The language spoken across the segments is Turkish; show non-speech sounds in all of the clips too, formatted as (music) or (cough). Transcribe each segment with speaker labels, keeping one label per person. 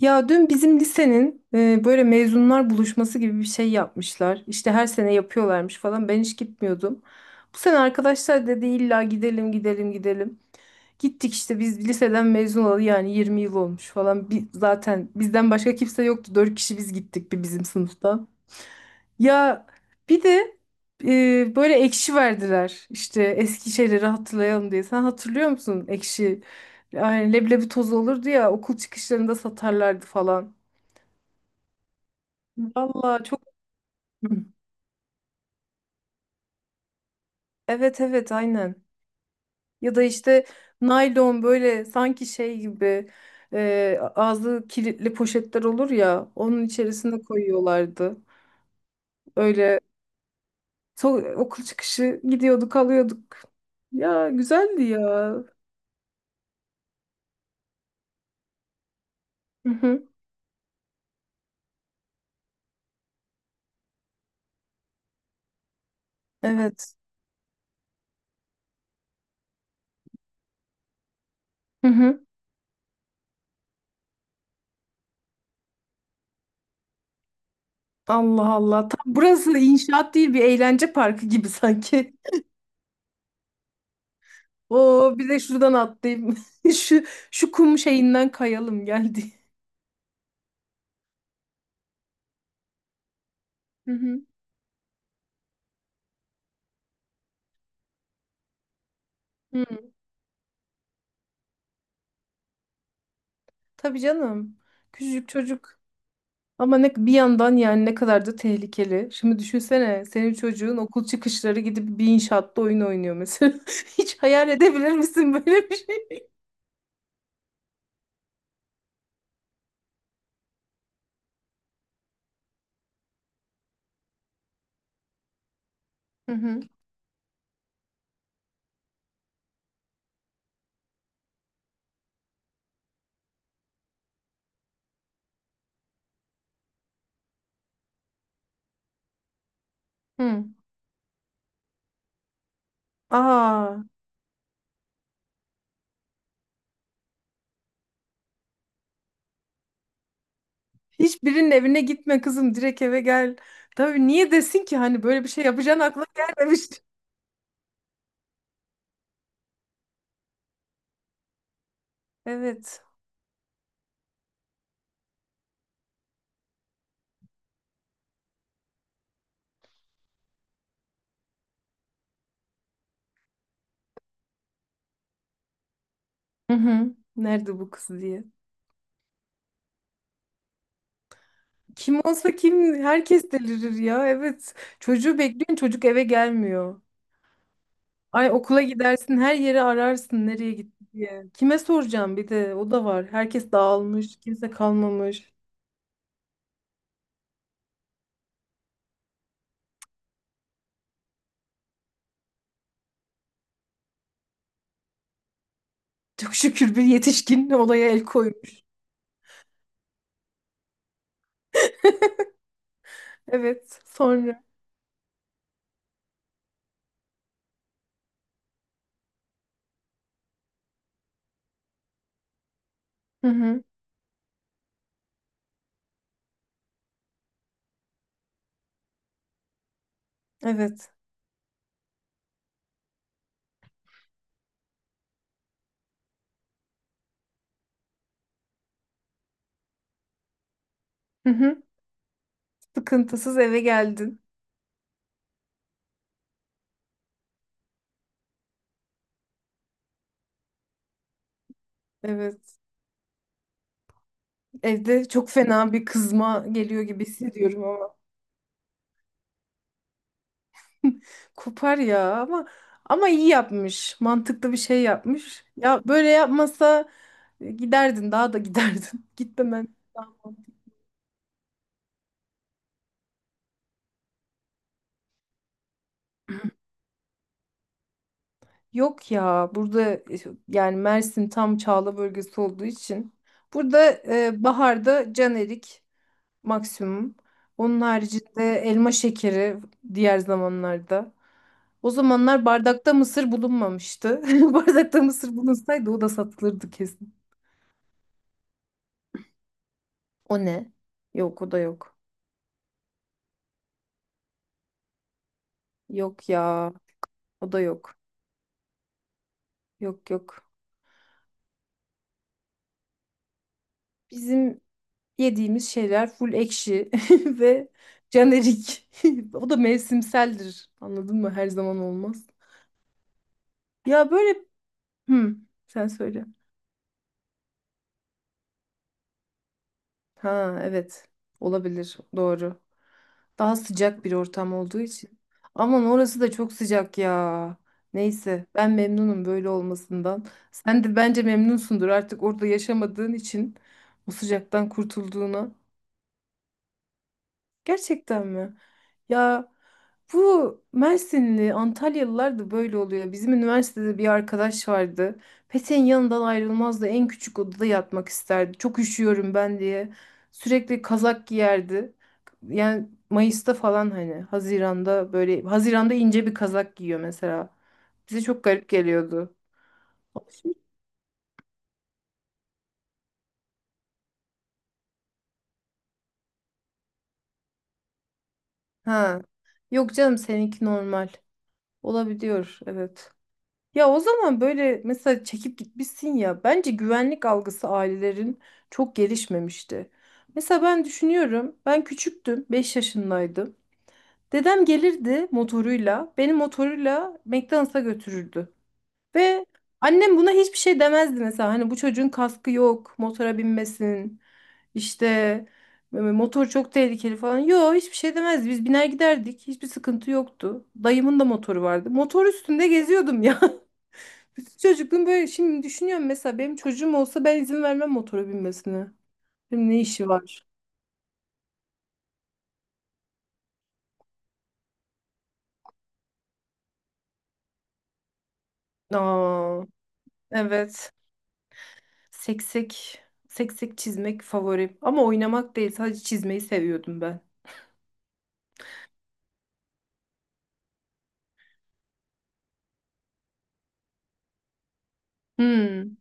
Speaker 1: Ya dün bizim lisenin böyle mezunlar buluşması gibi bir şey yapmışlar. İşte her sene yapıyorlarmış falan. Ben hiç gitmiyordum. Bu sene arkadaşlar dedi illa gidelim gidelim gidelim. Gittik işte biz liseden mezun olalı yani 20 yıl olmuş falan. Bir, zaten bizden başka kimse yoktu. 4 kişi biz gittik bir bizim sınıftan. Ya bir de böyle ekşi verdiler. İşte eski şeyleri hatırlayalım diye. Sen hatırlıyor musun ekşi? Yani leblebi tozu olurdu ya okul çıkışlarında satarlardı falan. Vallahi çok evet evet aynen. Ya da işte naylon böyle sanki şey gibi ağzı kilitli poşetler olur ya onun içerisine koyuyorlardı. Öyle okul çıkışı gidiyorduk alıyorduk. Ya güzeldi ya. Hı hı. Evet. Hı hı. Allah Allah. Tam burası inşaat değil bir eğlence parkı gibi sanki. Oo bir de şuradan atlayayım. (laughs) Şu şu kum şeyinden kayalım geldi. Hı hı. Tabii canım. Küçücük çocuk. Ama ne, bir yandan yani ne kadar da tehlikeli. Şimdi düşünsene senin çocuğun okul çıkışları gidip bir inşaatta oyun oynuyor mesela. (laughs) Hiç hayal edebilir misin böyle bir şey? Hı hı. Hı. Aa, hiçbirinin evine gitme kızım direkt eve gel. Tabii niye desin ki hani böyle bir şey yapacağın aklına gelmemiş. Evet. Hı hı. Nerede bu kız diye. Kim olsa kim herkes delirir ya. Evet. Çocuğu bekliyorsun çocuk eve gelmiyor. Ay okula gidersin her yeri ararsın nereye gitti diye. Kime soracağım bir de o da var. Herkes dağılmış, kimse kalmamış. Çok şükür bir yetişkin olaya el koymuş. Evet, sonra. Hı hı. Evet. Hı hı. Sıkıntısız eve geldin. Evet. Evde çok fena bir kızma geliyor gibi hissediyorum ama. (laughs) Kopar ya ama ama iyi yapmış. Mantıklı bir şey yapmış. Ya böyle yapmasa giderdin daha da giderdin. (laughs) Gitmemen. Yok ya burada yani Mersin tam Çağla bölgesi olduğu için burada baharda canerik maksimum. Onun haricinde elma şekeri diğer zamanlarda. O zamanlar bardakta mısır bulunmamıştı. (laughs) Bardakta mısır bulunsaydı o da satılırdı kesin. O ne? Yok o da yok. Yok ya o da yok. Yok yok. Bizim yediğimiz şeyler full ekşi (laughs) ve jenerik. (laughs) O da mevsimseldir. Anladın mı? Her zaman olmaz. Ya böyle hmm, sen söyle. Ha evet. Olabilir. Doğru. Daha sıcak bir ortam olduğu için. Aman orası da çok sıcak ya. Neyse ben memnunum böyle olmasından. Sen de bence memnunsundur artık orada yaşamadığın için o sıcaktan kurtulduğuna. Gerçekten mi? Ya bu Mersinli, Antalyalılar da böyle oluyor. Bizim üniversitede bir arkadaş vardı. Peteğin yanından ayrılmazdı. En küçük odada yatmak isterdi. Çok üşüyorum ben diye. Sürekli kazak giyerdi. Yani Mayıs'ta falan hani Haziran'da böyle Haziran'da ince bir kazak giyiyor mesela. Bize çok garip geliyordu. Ha. Yok canım seninki normal. Olabiliyor evet. Ya o zaman böyle mesela çekip gitmişsin ya bence güvenlik algısı ailelerin çok gelişmemişti. Mesela ben düşünüyorum ben küçüktüm 5 yaşındaydım. Dedem gelirdi motoruyla beni motoruyla McDonald's'a götürürdü. Ve annem buna hiçbir şey demezdi mesela hani bu çocuğun kaskı yok motora binmesin işte motor çok tehlikeli falan. Yo hiçbir şey demezdi biz biner giderdik hiçbir sıkıntı yoktu. Dayımın da motoru vardı motor üstünde geziyordum ya. (laughs) Çocukluğum böyle şimdi düşünüyorum mesela benim çocuğum olsa ben izin vermem motora binmesine. Şimdi ne işi var? Aa, evet. Seksek, seksek çizmek favorim. Ama oynamak değil, sadece çizmeyi seviyordum ben. Hmm.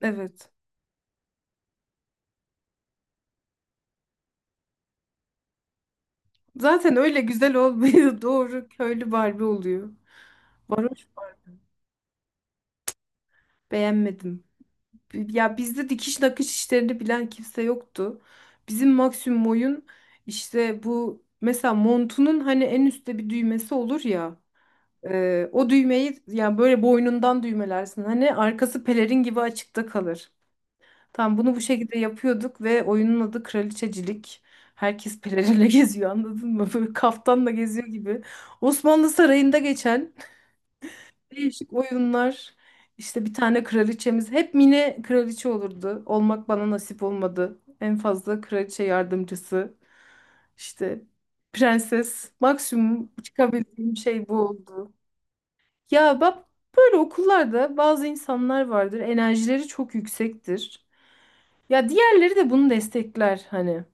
Speaker 1: Evet. Zaten öyle güzel olmuyor. (laughs) Doğru köylü Barbie oluyor. Varoş beğenmedim. Ya bizde dikiş nakış işlerini bilen kimse yoktu. Bizim maksimum oyun işte bu mesela montunun hani en üstte bir düğmesi olur ya. O düğmeyi yani böyle boynundan düğmelersin. Hani arkası pelerin gibi açıkta kalır. Tamam bunu bu şekilde yapıyorduk ve oyunun adı Kraliçecilik. Herkes pelerinle (laughs) geziyor anladın mı? Böyle kaftanla geziyor gibi. Osmanlı Sarayı'nda geçen değişik oyunlar. İşte bir tane kraliçemiz. Hep mini kraliçe olurdu. Olmak bana nasip olmadı. En fazla kraliçe yardımcısı. İşte prenses. Maksimum çıkabildiğim şey bu oldu. Ya bak böyle okullarda bazı insanlar vardır. Enerjileri çok yüksektir. Ya diğerleri de bunu destekler hani.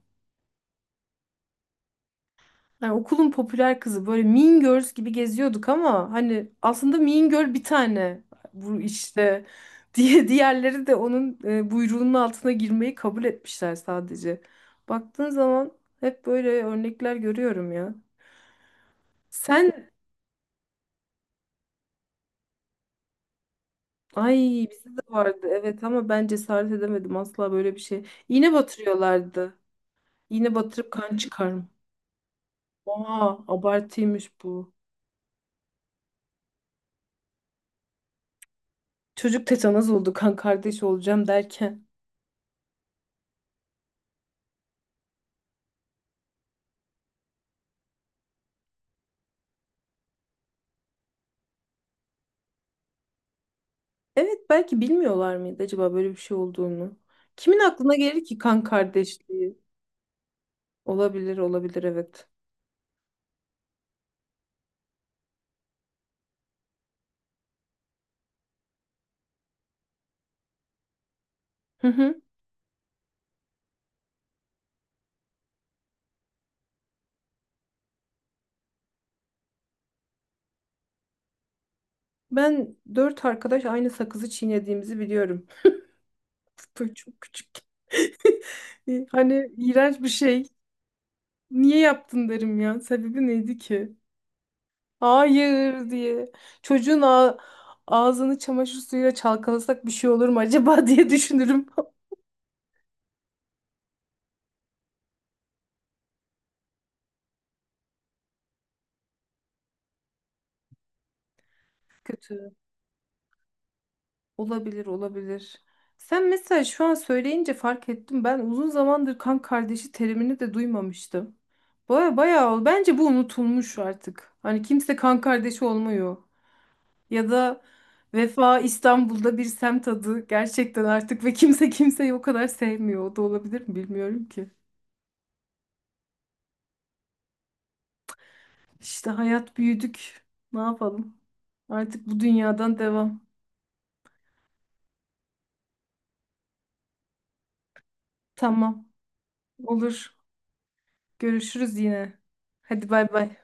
Speaker 1: Hani okulun popüler kızı böyle Mean Girls gibi geziyorduk ama hani aslında Mean Girl bir tane bu işte (laughs) diye diğerleri de onun buyruğunun altına girmeyi kabul etmişler sadece. Baktığın zaman hep böyle örnekler görüyorum ya. Sen Ay, bizde de vardı evet ama ben cesaret edemedim asla böyle bir şey. İğne batırıyorlardı. Yine batırıp kan çıkar mı? Oha abartıymış bu. Çocuk tetanoz oldu kan kardeş olacağım derken. Evet belki bilmiyorlar mıydı acaba böyle bir şey olduğunu. Kimin aklına gelir ki kan kardeşliği? Olabilir olabilir evet. Hı hı. Ben dört arkadaş aynı sakızı çiğnediğimizi biliyorum. (laughs) Böyle çok küçük. (laughs) Hani iğrenç bir şey. Niye yaptın derim ya. Sebebi neydi ki? Hayır diye. Çocuğun ağzını çamaşır suyuyla çalkalasak bir şey olur mu acaba (laughs) diye düşünürüm. Kötü. Olabilir, olabilir. Sen mesela şu an söyleyince fark ettim. Ben uzun zamandır kan kardeşi terimini de duymamıştım. Baya bayağı ol. Bence bu unutulmuş artık. Hani kimse kan kardeşi olmuyor. Ya da Vefa İstanbul'da bir semt adı gerçekten artık ve kimse kimseyi o kadar sevmiyor. O da olabilir mi bilmiyorum ki. İşte hayat büyüdük. Ne yapalım? Artık bu dünyadan devam. Tamam. Olur. Görüşürüz yine. Hadi bay bay.